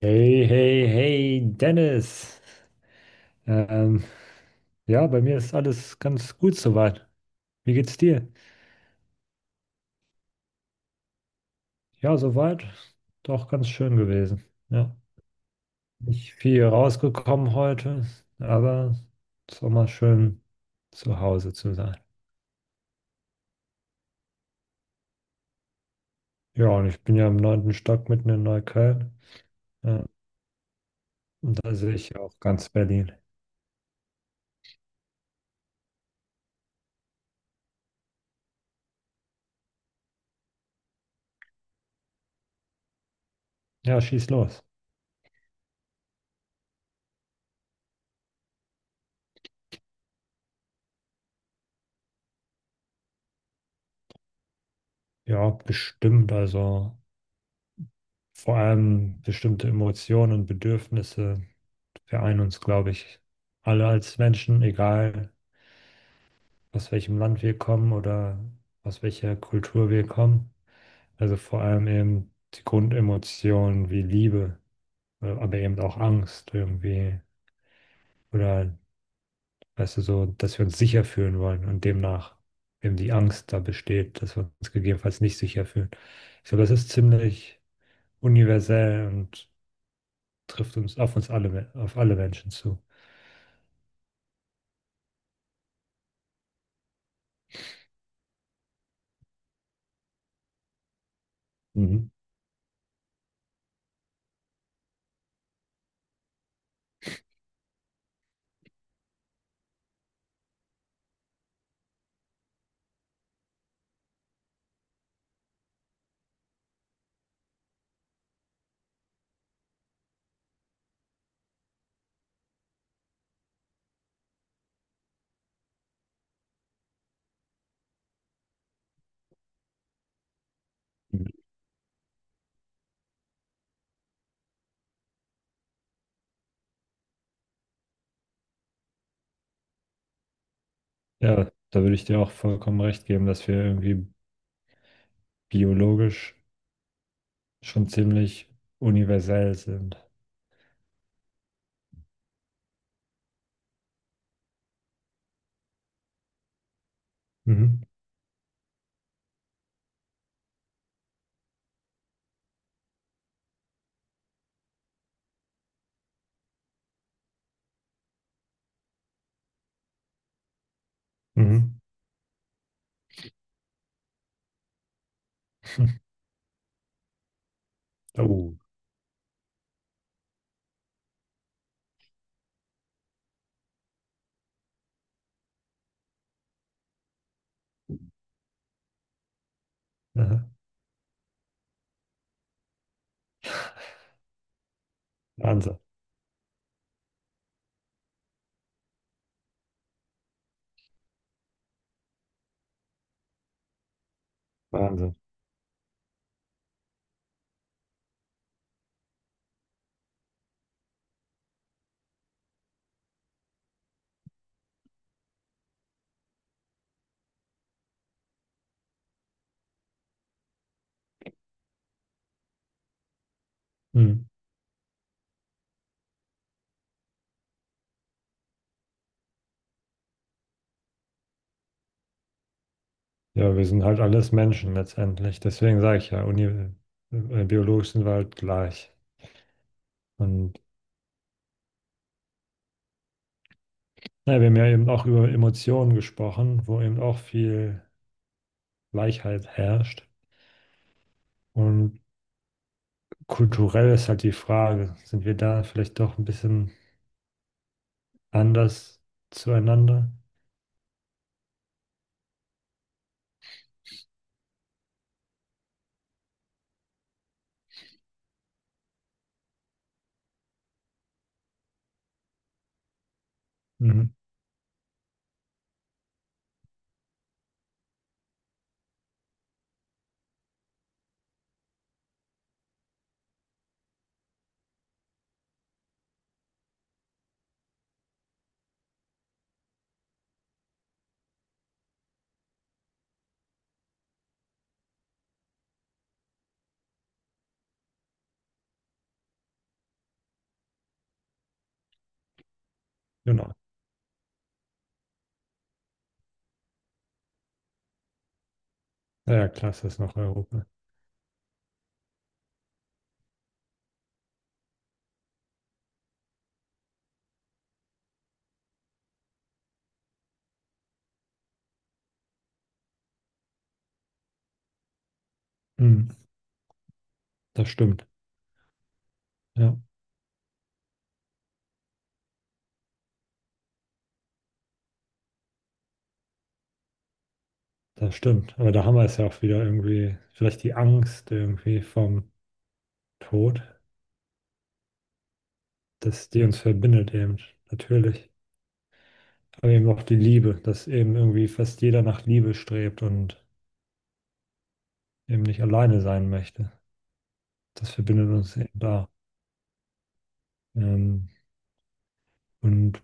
Hey, hey, hey, Dennis. Ähm, ja, bei mir ist alles ganz gut soweit. Wie geht's dir? Ja, soweit. Doch ganz schön gewesen. Ja, nicht viel rausgekommen heute, aber es war mal schön zu Hause zu sein. Ja, und ich bin ja im neunten Stock mitten in Neukölln. Ja, und da sehe ich ja auch ganz Berlin. Ja, schieß los. Ja, bestimmt. Also vor allem bestimmte Emotionen und Bedürfnisse vereinen uns, glaube ich, alle als Menschen, egal aus welchem Land wir kommen oder aus welcher Kultur wir kommen. Also vor allem eben die Grundemotionen wie Liebe, aber eben auch Angst irgendwie oder, weißt du, so, dass wir uns sicher fühlen wollen und demnach eben die Angst da besteht, dass wir uns gegebenenfalls nicht sicher fühlen. Ich glaube, das ist ziemlich universell und trifft uns auf uns alle, auf alle Menschen zu. Mhm. Ja, da würde ich dir auch vollkommen recht geben, dass wir irgendwie biologisch schon ziemlich universell sind. Mhm. Mhm. Oh, aha. Wahnsinn, Wahnsinn. Mhm. Ja, wir sind halt alles Menschen letztendlich. Deswegen sage ich ja, uni biologisch sind wir halt gleich. Und naja, wir haben ja eben auch über Emotionen gesprochen, wo eben auch viel Gleichheit herrscht. Und kulturell ist halt die Frage, sind wir da vielleicht doch ein bisschen anders zueinander? Mhm. Genau. Ja, ja, klar, es ist das noch Europa. Mhm. Das stimmt. Ja, das stimmt. Aber da haben wir es ja auch wieder irgendwie, vielleicht die Angst irgendwie vom Tod, dass die uns verbindet eben, natürlich. Aber eben auch die Liebe, dass eben irgendwie fast jeder nach Liebe strebt und eben nicht alleine sein möchte. Das verbindet uns eben da. Ähm, und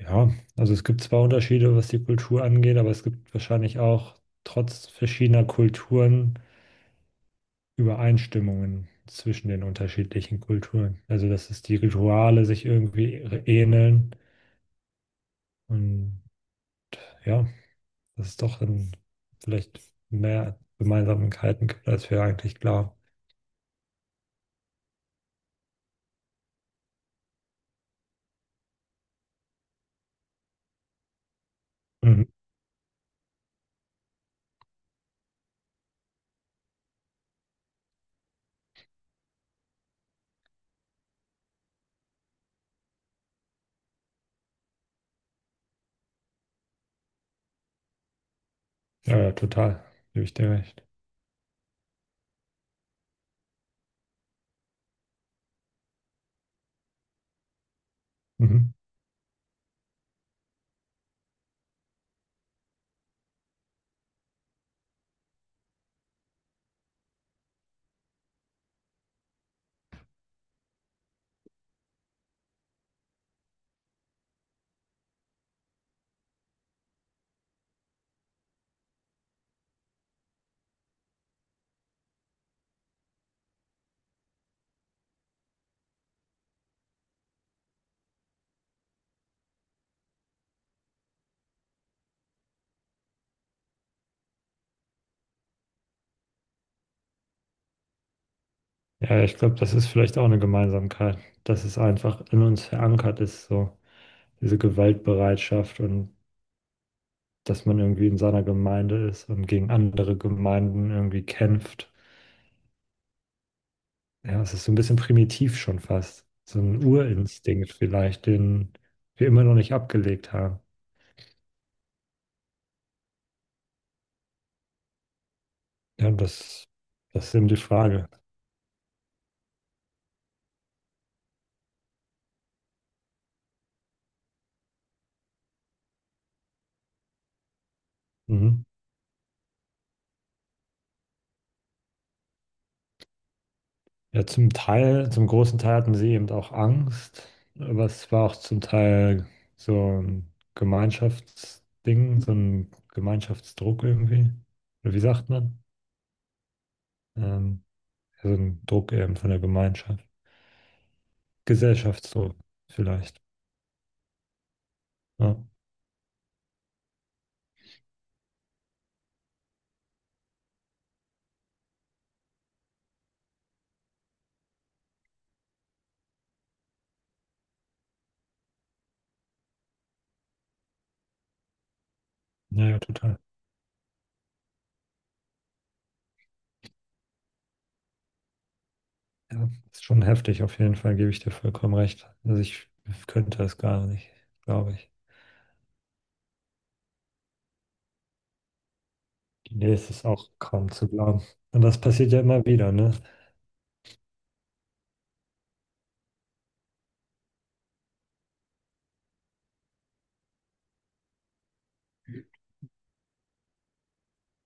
ja, also es gibt zwar Unterschiede, was die Kultur angeht, aber es gibt wahrscheinlich auch trotz verschiedener Kulturen Übereinstimmungen zwischen den unterschiedlichen Kulturen. Also, dass es die Rituale sich irgendwie ähneln. Und ja, dass es doch dann vielleicht mehr Gemeinsamkeiten gibt, als wir eigentlich glauben. Mhm. Ja, ja, total. Gebe ich dir recht. Mhm. Ja, ich glaube, das ist vielleicht auch eine Gemeinsamkeit, dass es einfach in uns verankert ist, so diese Gewaltbereitschaft und dass man irgendwie in seiner Gemeinde ist und gegen andere Gemeinden irgendwie kämpft. Ja, es ist so ein bisschen primitiv schon fast. So ein Urinstinkt vielleicht, den wir immer noch nicht abgelegt haben. Ja, das ist eben die Frage. Mhm. Ja, zum Teil, zum großen Teil hatten sie eben auch Angst, aber es war auch zum Teil so ein Gemeinschaftsding, so ein Gemeinschaftsdruck irgendwie. Oder wie sagt man? Ähm, ja, so ein Druck eben von der Gemeinschaft. Gesellschaftsdruck vielleicht. Ja, ja, ja, total. Ja, ist schon heftig, auf jeden Fall gebe ich dir vollkommen recht. Also ich könnte es gar nicht, glaube ich. Nee, es ist auch kaum zu glauben. Und das passiert ja immer wieder, ne?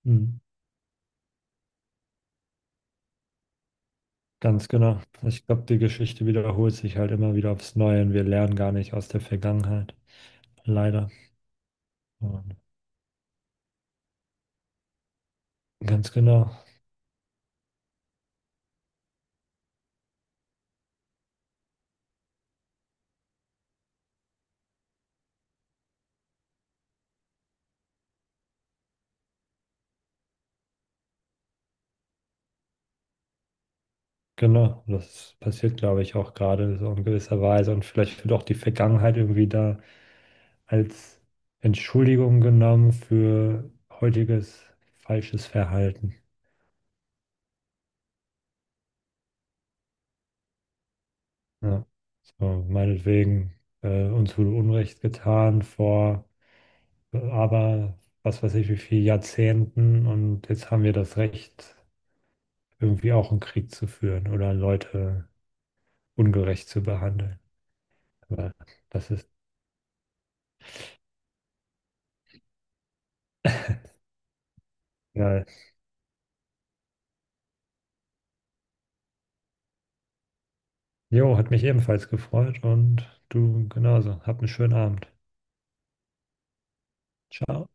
Mhm. Ganz genau. Ich glaube, die Geschichte wiederholt sich halt immer wieder aufs Neue und wir lernen gar nicht aus der Vergangenheit. Leider. Und ganz genau. Genau. Das passiert, glaube ich, auch gerade so in gewisser Weise. Und vielleicht wird auch die Vergangenheit irgendwie da als Entschuldigung genommen für heutiges falsches Verhalten. Ja. So, meinetwegen, uns wurde Unrecht getan vor, aber was weiß ich, wie viel Jahrzehnten und jetzt haben wir das Recht, irgendwie auch einen Krieg zu führen oder Leute ungerecht zu behandeln. Aber das ist geil. Jo, hat mich ebenfalls gefreut und du genauso. Hab einen schönen Abend. Ciao.